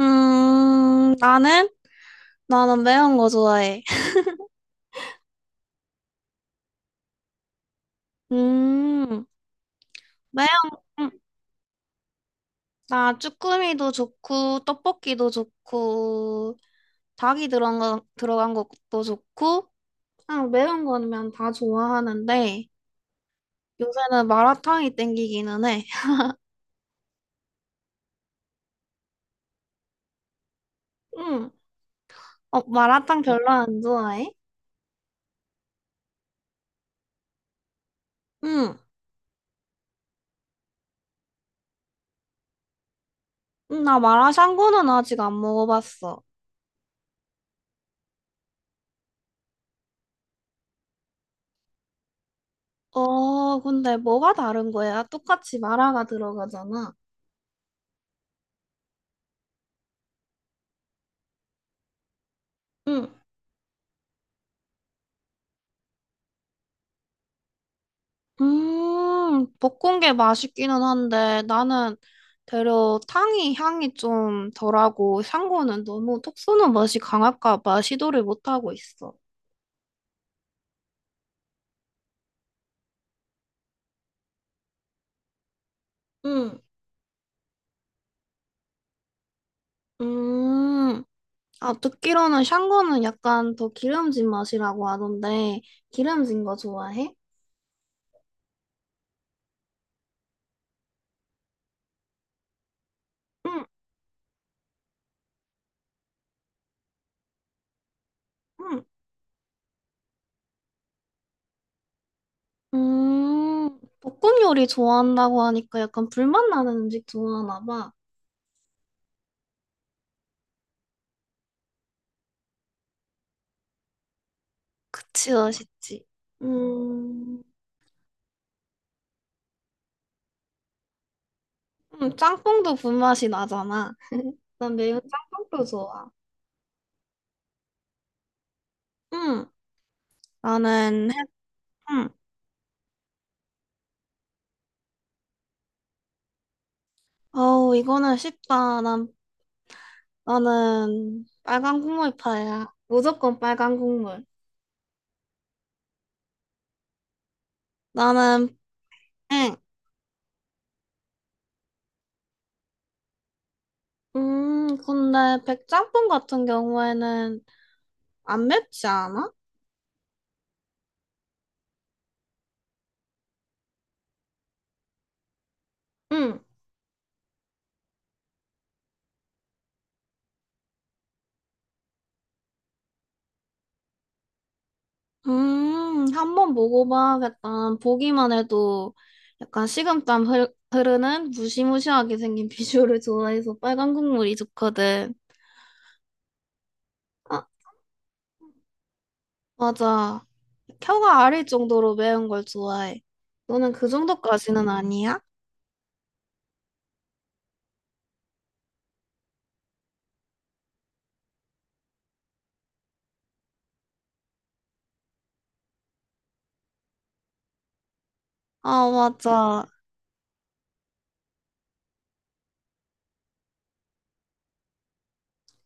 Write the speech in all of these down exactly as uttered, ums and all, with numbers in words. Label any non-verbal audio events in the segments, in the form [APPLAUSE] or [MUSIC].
음, 나는? 나는 매운 거 좋아해. 음, 매운, 음, 나 쭈꾸미도 좋고, 떡볶이도 좋고, 닭이 들어간 거, 들어간 것도 좋고, 그냥 매운 거면 다 좋아하는데, 요새는 마라탕이 땡기기는 해. 음, 어, 마라탕 별로 안 좋아해? 음, 음, 나 마라샹궈는 아직 안 먹어봤어. 어, 근데 뭐가 다른 거야? 똑같이 마라가 들어가잖아. 응. 음, 볶은 게 맛있기는 한데 나는 대려 탕이 향이 좀 덜하고 샹궈는 너무 톡 쏘는 맛이 강할까 봐 시도를 못 하고 있어. 응, 음, 아, 듣기로는 샹궈는 약간 더 기름진 맛이라고 하던데 기름진 거 좋아해? 응, 응. 음, 볶음 요리 좋아한다고 하니까 약간 불맛 나는 음식 좋아하나 봐. 그치, 맛있지. 음, 음, 짬뽕도 불맛이 나잖아. 난 매운 짬뽕도 좋아. 응, 나는, 해, 응. 어우, 이거는 쉽다. 난, 나는 빨간 국물파야. 무조건 빨간 국물. 나는, 응. 음, 근데 백짬뽕 같은 경우에는 안 맵지 않아? 응. 음, 한번 먹어봐야겠다. 보기만 해도 약간 식은땀 흐르, 흐르는 무시무시하게 생긴 [LAUGHS] 비주얼을 좋아해서 빨간 국물이 좋거든. 아, 맞아. 혀가 아릴 정도로 매운 걸 좋아해. 너는 그 정도까지는 아니야? 아, 맞아.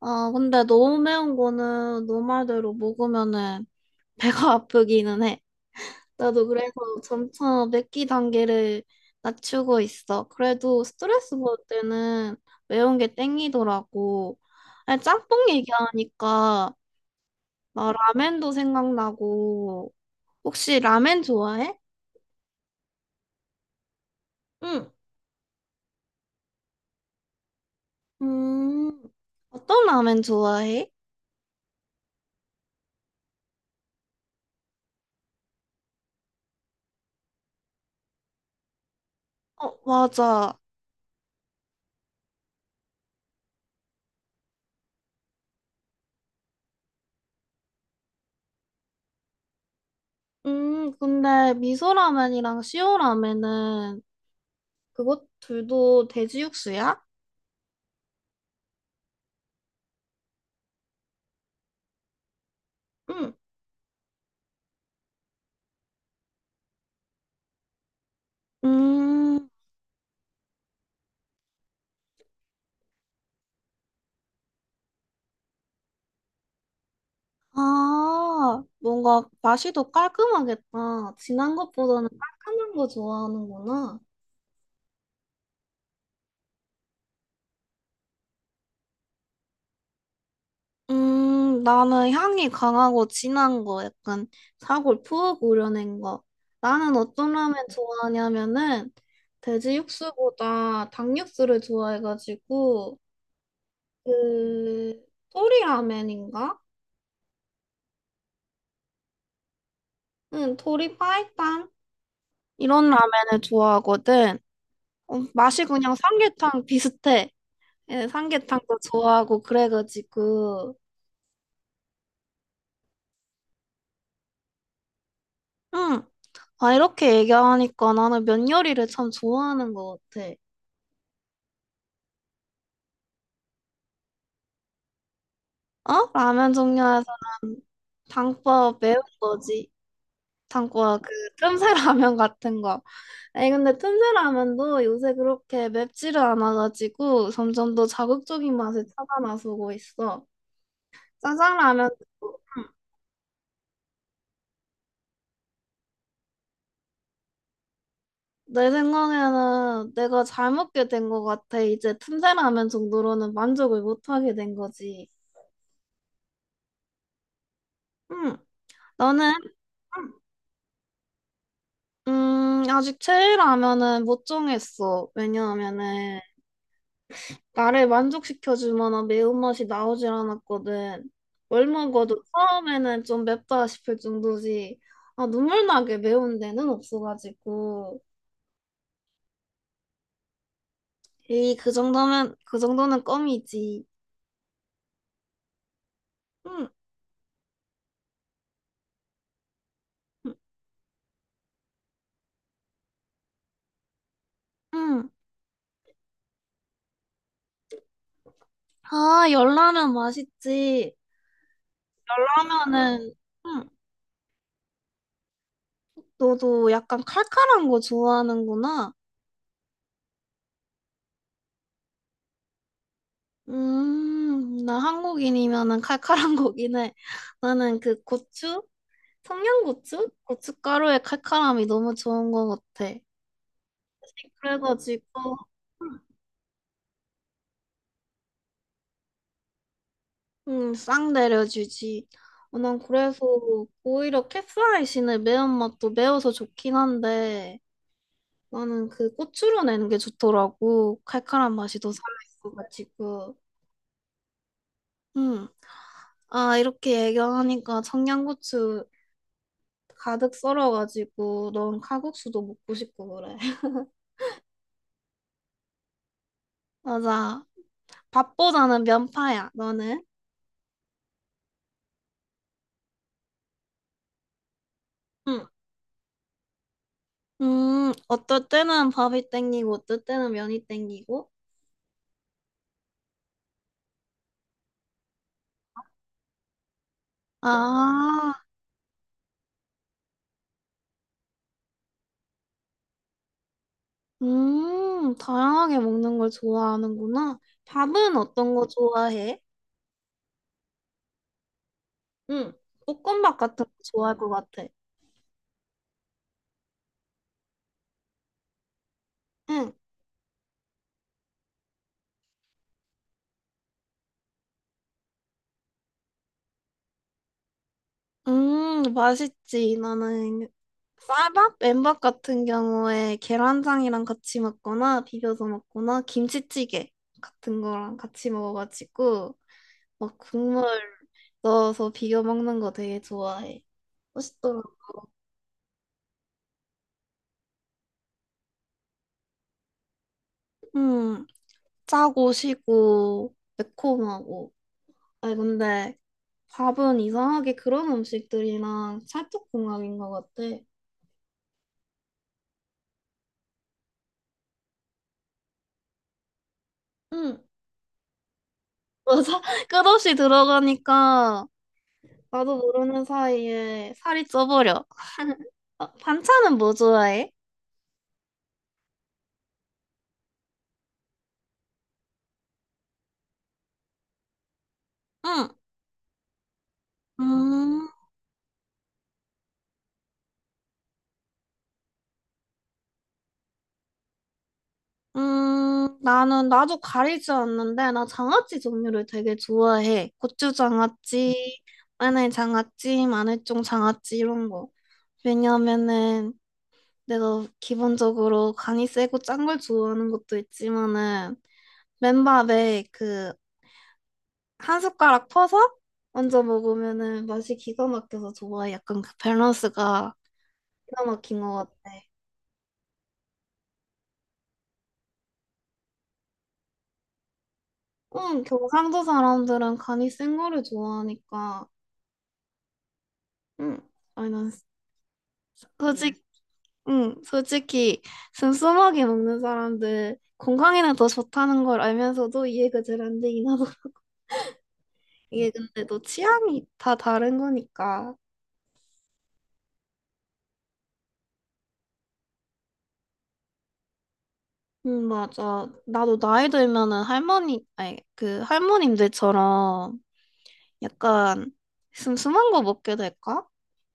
아, 근데 너무 매운 거는 너 말대로 먹으면은 배가 [LAUGHS] 아프기는 해. 나도 그래서 점차 맵기 단계를 낮추고 있어. 그래도 스트레스 받을 때는 매운 게 땡기더라고. 아니, 짬뽕 얘기하니까 나 라멘도 생각나고. 혹시 라멘 좋아해? 응. 음, 어떤 라면 좋아해? 어, 맞아. 음, 근데 미소 라면이랑 시오 라면은 그것 둘도 돼지 육수야? 응. 음, 아, 뭔가 맛이 더 깔끔하겠다. 진한 것보다는 깔끔한 거 좋아하는구나. 음, 나는 향이 강하고 진한 거 약간 사골 푹 우려낸 거. 나는 어떤 라면 좋아하냐면은 돼지 육수보다 닭 육수를 좋아해가지고 그 토리 라면인가? 응, 토리 파이탕 이런 라면을 좋아하거든. 어, 맛이 그냥 삼계탕 비슷해. 예, 삼계탕도 좋아하고 그래가지고 응. 아 이렇게 얘기하니까 나는 면 요리를 참 좋아하는 것 같아. 어? 라면 종류에서 는 당과 매운 거지. 당과 그 틈새 라면 같은 거. 아니 근데 틈새 라면도 요새 그렇게 맵지를 않아가지고 점점 더 자극적인 맛을 찾아 나서고 있어. 짜장 라면 내 생각에는 내가 잘 먹게 된 것 같아. 이제 틈새 라면 정도로는 만족을 못 하게 된 거지. 응. 너는 응. 음 아직 최애 라면은 못 정했어. 왜냐하면은 나를 만족시켜줄 만한 매운맛이 나오질 않았거든. 뭘 먹어도 처음에는 좀 맵다 싶을 정도지. 아, 눈물 나게 매운 데는 없어가지고. 에이, 그 정도면, 그 정도는 껌이지. 응, 응, 응. 아, 열라면 맛있지. 열라면은, 응, 너도 약간 칼칼한 거 좋아하는구나. 음, 나 한국인이면은 칼칼한 거긴 해. 나는 그 고추? 청양고추? 고춧가루의 칼칼함이 너무 좋은 것 같아. 그래가지고, 음, 싹 내려주지. 어, 난 그래서 오히려 캡사이신의 매운맛도 매워서 좋긴 한데, 나는 그 고추로 내는 게 좋더라고. 칼칼한 맛이 더 살아있어가지고. 음, 아, 이렇게 얘기하니까 청양고추 가득 썰어가지고, 넌 칼국수도 먹고 싶고 그래. [LAUGHS] 맞아. 밥보다는 면파야, 너는? 응. 음, 어떨 때는 밥이 땡기고, 어떨 때는 면이 땡기고. 아, 음, 다양하게 먹는 걸 좋아하는구나. 밥은 어떤 거 좋아해? 응, 볶음밥 같은 거 좋아할 것 같아. 응, 음, 맛있지. 나는 쌀밥, 맨밥 같은 경우에 계란장이랑 같이 먹거나 비벼서 먹거나 김치찌개 같은 거랑 같이 먹어가지고 막 국물 넣어서 비벼 먹는 거 되게 좋아해. 맛있더라. 음, 짜고 시고 매콤하고. 아니 근데 밥은 이상하게 그런 음식들이랑 찰떡궁합인 것 같아. 응, 맞아. [LAUGHS] 끝없이 들어가니까 나도 모르는 사이에 살이 쪄버려. 어, 반찬은 뭐 좋아해? 응. 음, 음, 나는 나도 가리지 않는데 나 장아찌 종류를 되게 좋아해. 고추 장아찌, 마늘 장아찌, 마늘종 장아찌 이런 거. 왜냐면은 내가 기본적으로 간이 세고 짠 걸 좋아하는 것도 있지만은 맨밥에 그 한 숟가락 퍼서 얹어 먹으면은 맛이 기가 막혀서 좋아해. 약간 그 밸런스가 기가 막힌 것 같아. 응, 경상도 사람들은 간이 센 거를 좋아하니까. 응, 아니 난 음. 솔직, 응, 솔직히 슴슴하게 먹는 사람들 건강에는 더 좋다는 걸 알면서도 이해가 잘 안 되긴 하고 이게 근데 또 취향이 다 다른 거니까. 음, 맞아. 나도 나이 들면은 할머니, 아니, 그 할머님들처럼 약간 슴슴한 거 먹게 될까?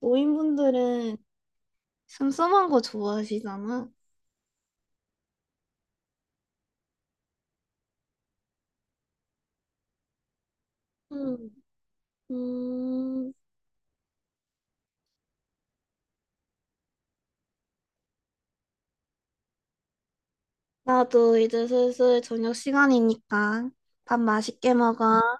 노인분들은 슴슴한 거 좋아하시잖아. 음, 음, 나도 이제 슬슬 저녁 시간이니까 밥 맛있게 먹어.